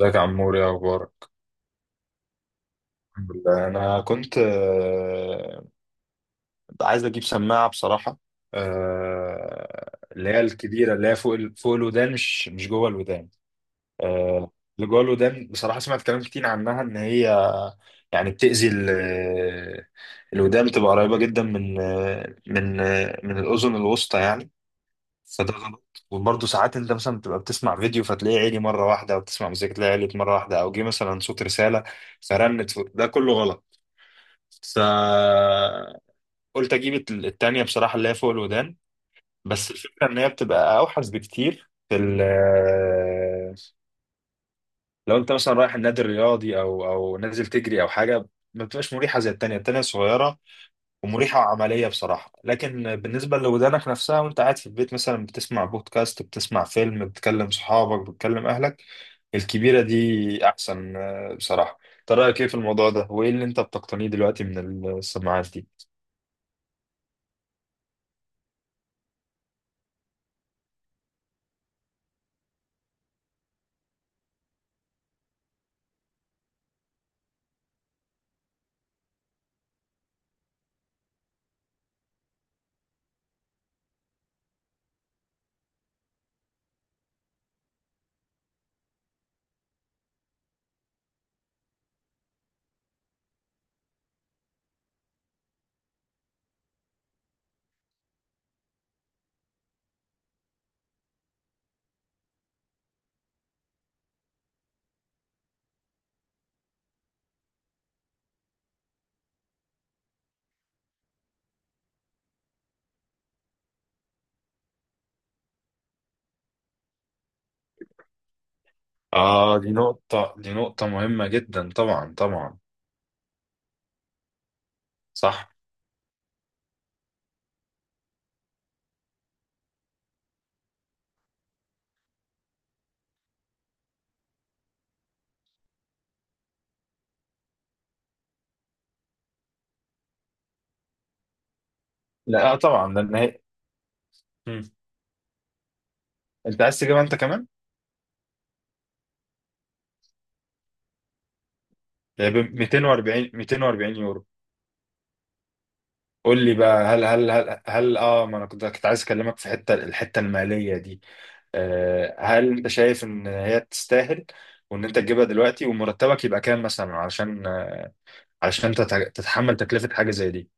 ازيك يا عمور؟ يا اخبارك؟ الحمد لله. انا كنت عايز اجيب سماعه بصراحه. اللي هي الكبيره اللي هي فوق الودان، مش جوه الودان. آه، اللي جوه الودان بصراحه سمعت كلام كتير عنها ان هي يعني بتاذي الودان، بتبقى قريبه جدا من من الاذن الوسطى يعني. فده غلط. وبرضه ساعات انت مثلا بتبقى بتسمع فيديو فتلاقيه عالي مره واحده، او بتسمع مزيكا تلاقيه عالي مره واحده، او جه مثلا صوت رساله فرنت فوق. ده كله غلط. فقلت اجيب التانيه بصراحه، اللي هي فوق الودان. بس الفكره ان هي بتبقى اوحش بكتير في ال، لو انت مثلا رايح النادي الرياضي او نازل تجري او حاجه، ما بتبقاش مريحه زي التانيه. التانيه صغيره ومريحة وعملية بصراحة. لكن بالنسبة لودانك نفسها، وانت قاعد في البيت مثلا بتسمع بودكاست، بتسمع فيلم، بتكلم صحابك، بتكلم اهلك، الكبيرة دي احسن. بصراحة، انت رأيك ايه في الموضوع ده؟ وايه اللي انت بتقتنيه دلوقتي من السماعات دي؟ اه، دي نقطة، دي نقطة مهمة جدا. طبعا، طبعا. صح. لا، آه، طبعا، لان هي، مم. انت عايز تجيبها انت كمان؟ هي ب 240 240 يورو. قول لي بقى، هل اه، ما انا كنت عايز اكلمك في الحته الماليه دي. هل انت شايف ان هي تستاهل؟ وان انت تجيبها دلوقتي؟ ومرتبك يبقى كام مثلا علشان علشان تتحمل تكلفة حاجة زي دي؟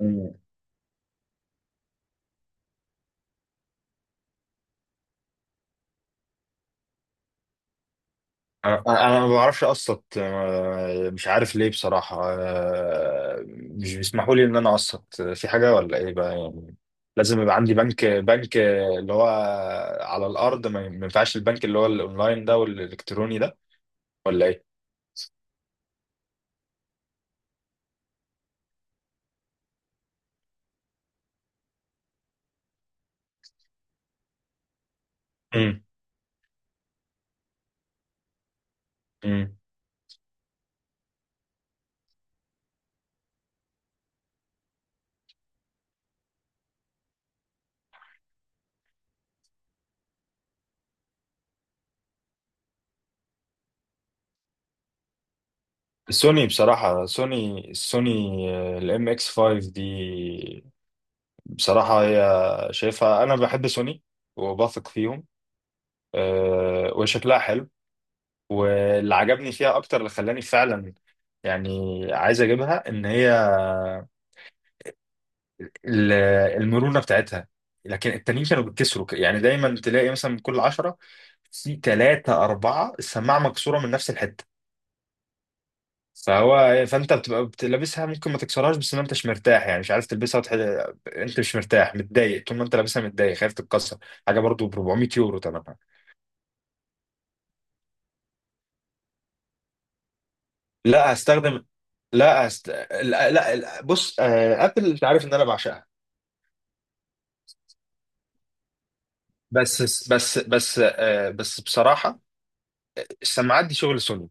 مم. انا ما بعرفش اقسط، مش عارف ليه بصراحة. مش بيسمحوا لي ان انا اقسط في حاجة، ولا ايه بقى يعني؟ لازم يبقى عندي بنك اللي هو على الارض؟ ما ينفعش البنك اللي هو الاونلاين ده والالكتروني ده؟ ولا ايه؟ امم. سوني بصراحة، سوني الام اكس 5 دي. بصراحة هي، شايفها، أنا بحب سوني وبثق فيهم. وشكلها حلو. واللي عجبني فيها أكتر، اللي خلاني فعلا يعني عايز أجيبها، إن هي ال، المرونة بتاعتها. لكن التانيين كانوا بيتكسروا يعني، دايما تلاقي مثلا من كل عشرة في ثلاثة أربعة السماعة مكسورة من نفس الحتة. فانت لابسها، ممكن ما تكسرهاش، بس ما انتش مرتاح يعني، مش عارف تلبسها انت مش مرتاح، متضايق طول ما انت لابسها، متضايق خايف تتكسر. حاجه برضو ب 400 يورو تمنها. لا، هستخدم، لا، لا، لا، بص، ابل انت عارف ان انا بعشقها. بس، بس بصراحه السماعات دي شغل سوني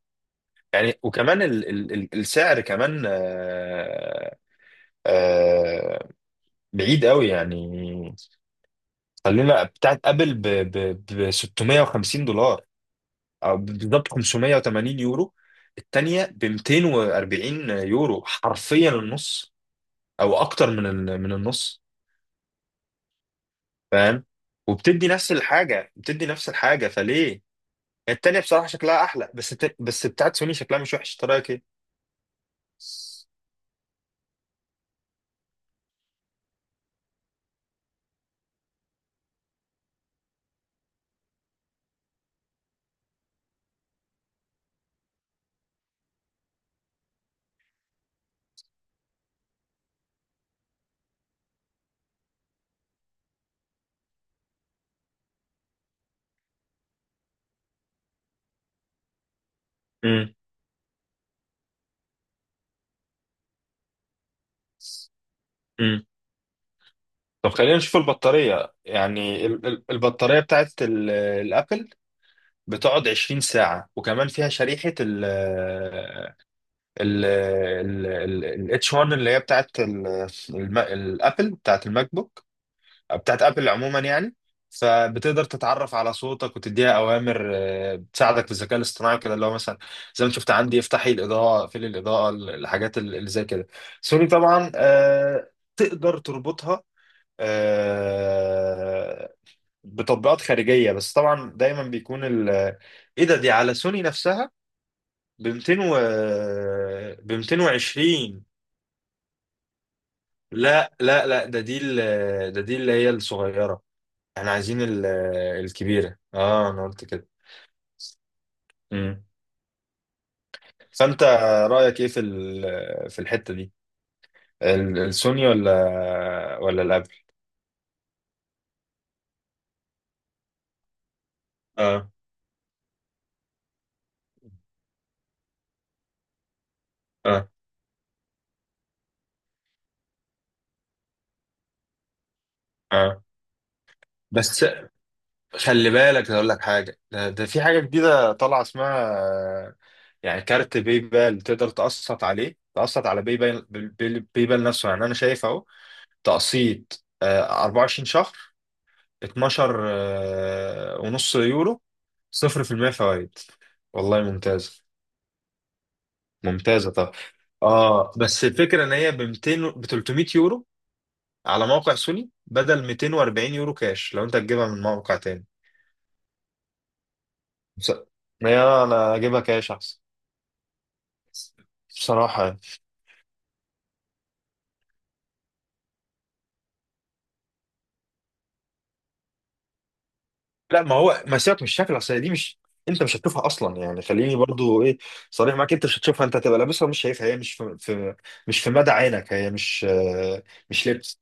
يعني. وكمان السعر كمان، آه، بعيد قوي يعني. خلينا، بتاعت ابل ب 650 دولار، أو بالظبط 580 يورو. التانية ب 240 يورو، حرفيا النص، او اكتر من النص. فاهم؟ وبتدي نفس الحاجة، بتدي نفس الحاجة فليه يعني؟ التانية بصراحة شكلها احلى، بس بتاعت سوني شكلها مش وحش، إنت رايك ايه؟ امم. امم. طب، خلينا نشوف البطارية يعني، البطارية بتاعت الابل بتقعد 20 ساعة. وكمان فيها شريحة الاتش 1، اللي هي بتاعت الابل، بتاعت الماك بوك، بتاعت ابل عموما يعني. فبتقدر تتعرف على صوتك وتديها اوامر، بتساعدك في الذكاء الاصطناعي كده، اللي هو مثلا زي ما شفت عندي افتحي الاضاءه، اقفلي الاضاءه، الحاجات اللي زي كده. سوني طبعا، تقدر تربطها آه، بتطبيقات خارجيه. بس طبعا دايما بيكون ال، ايه ده، دي على سوني نفسها ب 200 و ب 220. لا، لا، لا، ده دي اللي هي الصغيرة، احنا عايزين ال، الكبيرة. اه، انا قلت كده. امم. فانت رأيك ايه في الحتة دي؟ ال، السوني ولا، ولا الابل؟ اه. اه. اه بس، خلي بالك اقول لك حاجة، ده في حاجة جديدة طالعة اسمها، يعني كارت باي بال، تقدر تقسط عليه، تقسط على باي بال، باي بال نفسه يعني. انا شايف اهو، تقسيط 24 شهر، 12 ونص يورو، صفر في المية فوائد. والله ممتازة. ممتازة، طب. اه بس الفكرة ان هي ب 200، ب 300 يورو على موقع سوني، بدل 240 يورو كاش لو انت هتجيبها من موقع تاني. بس، يا انا اجيبها كاش احسن بصراحة يعني. لا، ما هو ما سيبك من الشكل، اصل دي مش، انت مش هتشوفها اصلا يعني. خليني برضو ايه، صريح معاك، انت مش هتشوفها. انت هتبقى لابسها ومش شايفها. هي مش في، في مش في مدى عينك. هي مش، مش لبس.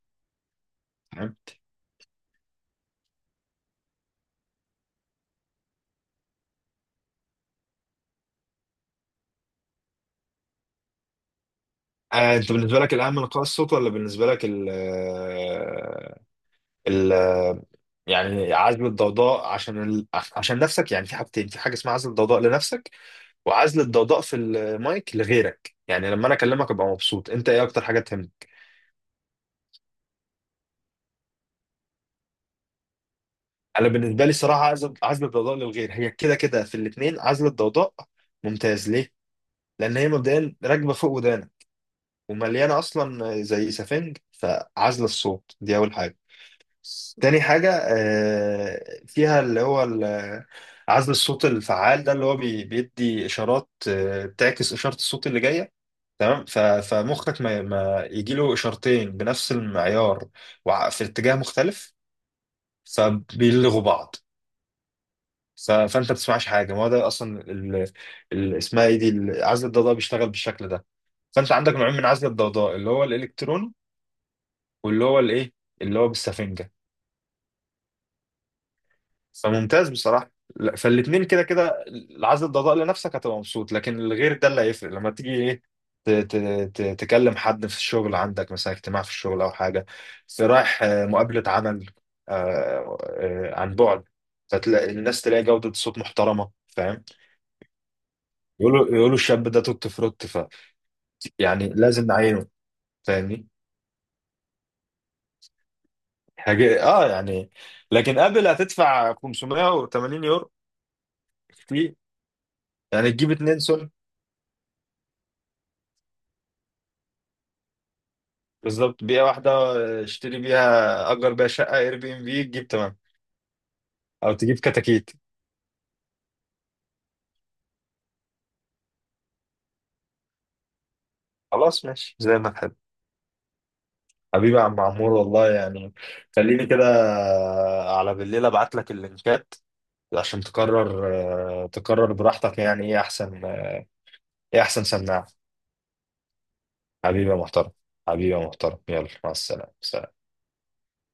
انت بالنسبه لك الاهم نقاء الصوت، ولا بالنسبه لك ال ال آه، يعني عزل الضوضاء، عشان ال، عشان نفسك يعني؟ في حاجتين، في حاجه اسمها عزل الضوضاء لنفسك، وعزل الضوضاء في المايك لغيرك، يعني لما انا اكلمك ابقى مبسوط. انت ايه اكتر حاجه تهمك؟ انا بالنسبه لي الصراحه، عزل، عزل الضوضاء للغير، هي كده كده في الاثنين عزل الضوضاء ممتاز. ليه؟ لان هي مبدئيا راكبه فوق ودانك، ومليانه اصلا زي سفنج، فعزل الصوت دي اول حاجه. تاني حاجة فيها، اللي هو ال، عزل الصوت الفعال ده، اللي هو بيدي إشارات بتعكس إشارة الصوت اللي جاية، تمام؟ فمخك ما يجيله إشارتين بنفس المعيار، في اتجاه مختلف، فبيلغوا بعض. فأنت ما بتسمعش حاجة. ما هو ده أصلا ال، ال، اسمها إيه دي، ال، عزل الضوضاء بيشتغل بالشكل ده. فأنت عندك نوعين من عزل الضوضاء، اللي هو الإلكتروني، واللي هو الإيه، اللي هو بالسفنجة. فممتاز بصراحة. لا، فالاتنين كده كده العزل الضوضاء لنفسك هتبقى مبسوط، لكن الغير، ده اللي هيفرق لما تيجي ايه، تكلم حد في الشغل، عندك مثلا اجتماع في الشغل او حاجة، في رايح مقابلة عمل، عن بعد، فتلاقي الناس، تلاقي جودة صوت محترمة، فاهم؟ يقولوا، يقولوا الشاب ده توت فروت، ف يعني لازم نعينه. فاهمني؟ حاجة اه يعني. لكن قبل، هتدفع 580 يورو، كتير يعني. تجيب اتنين بالظبط، بيئة واحدة، اشتري بيها، أجر بيها شقة اير بي ام بي، تجيب، تمام. أو تجيب كتاكيت. خلاص ماشي، زي ما تحب. حبيبي يا عم عمور، والله يعني، خليني كده على بالليل أبعت لك اللينكات عشان تقرر. اه، تقرر براحتك يعني، إيه أحسن، إيه أحسن سماعة. حبيبي يا محترم، حبيبي يا محترم، يلا مع السلامة. سلام.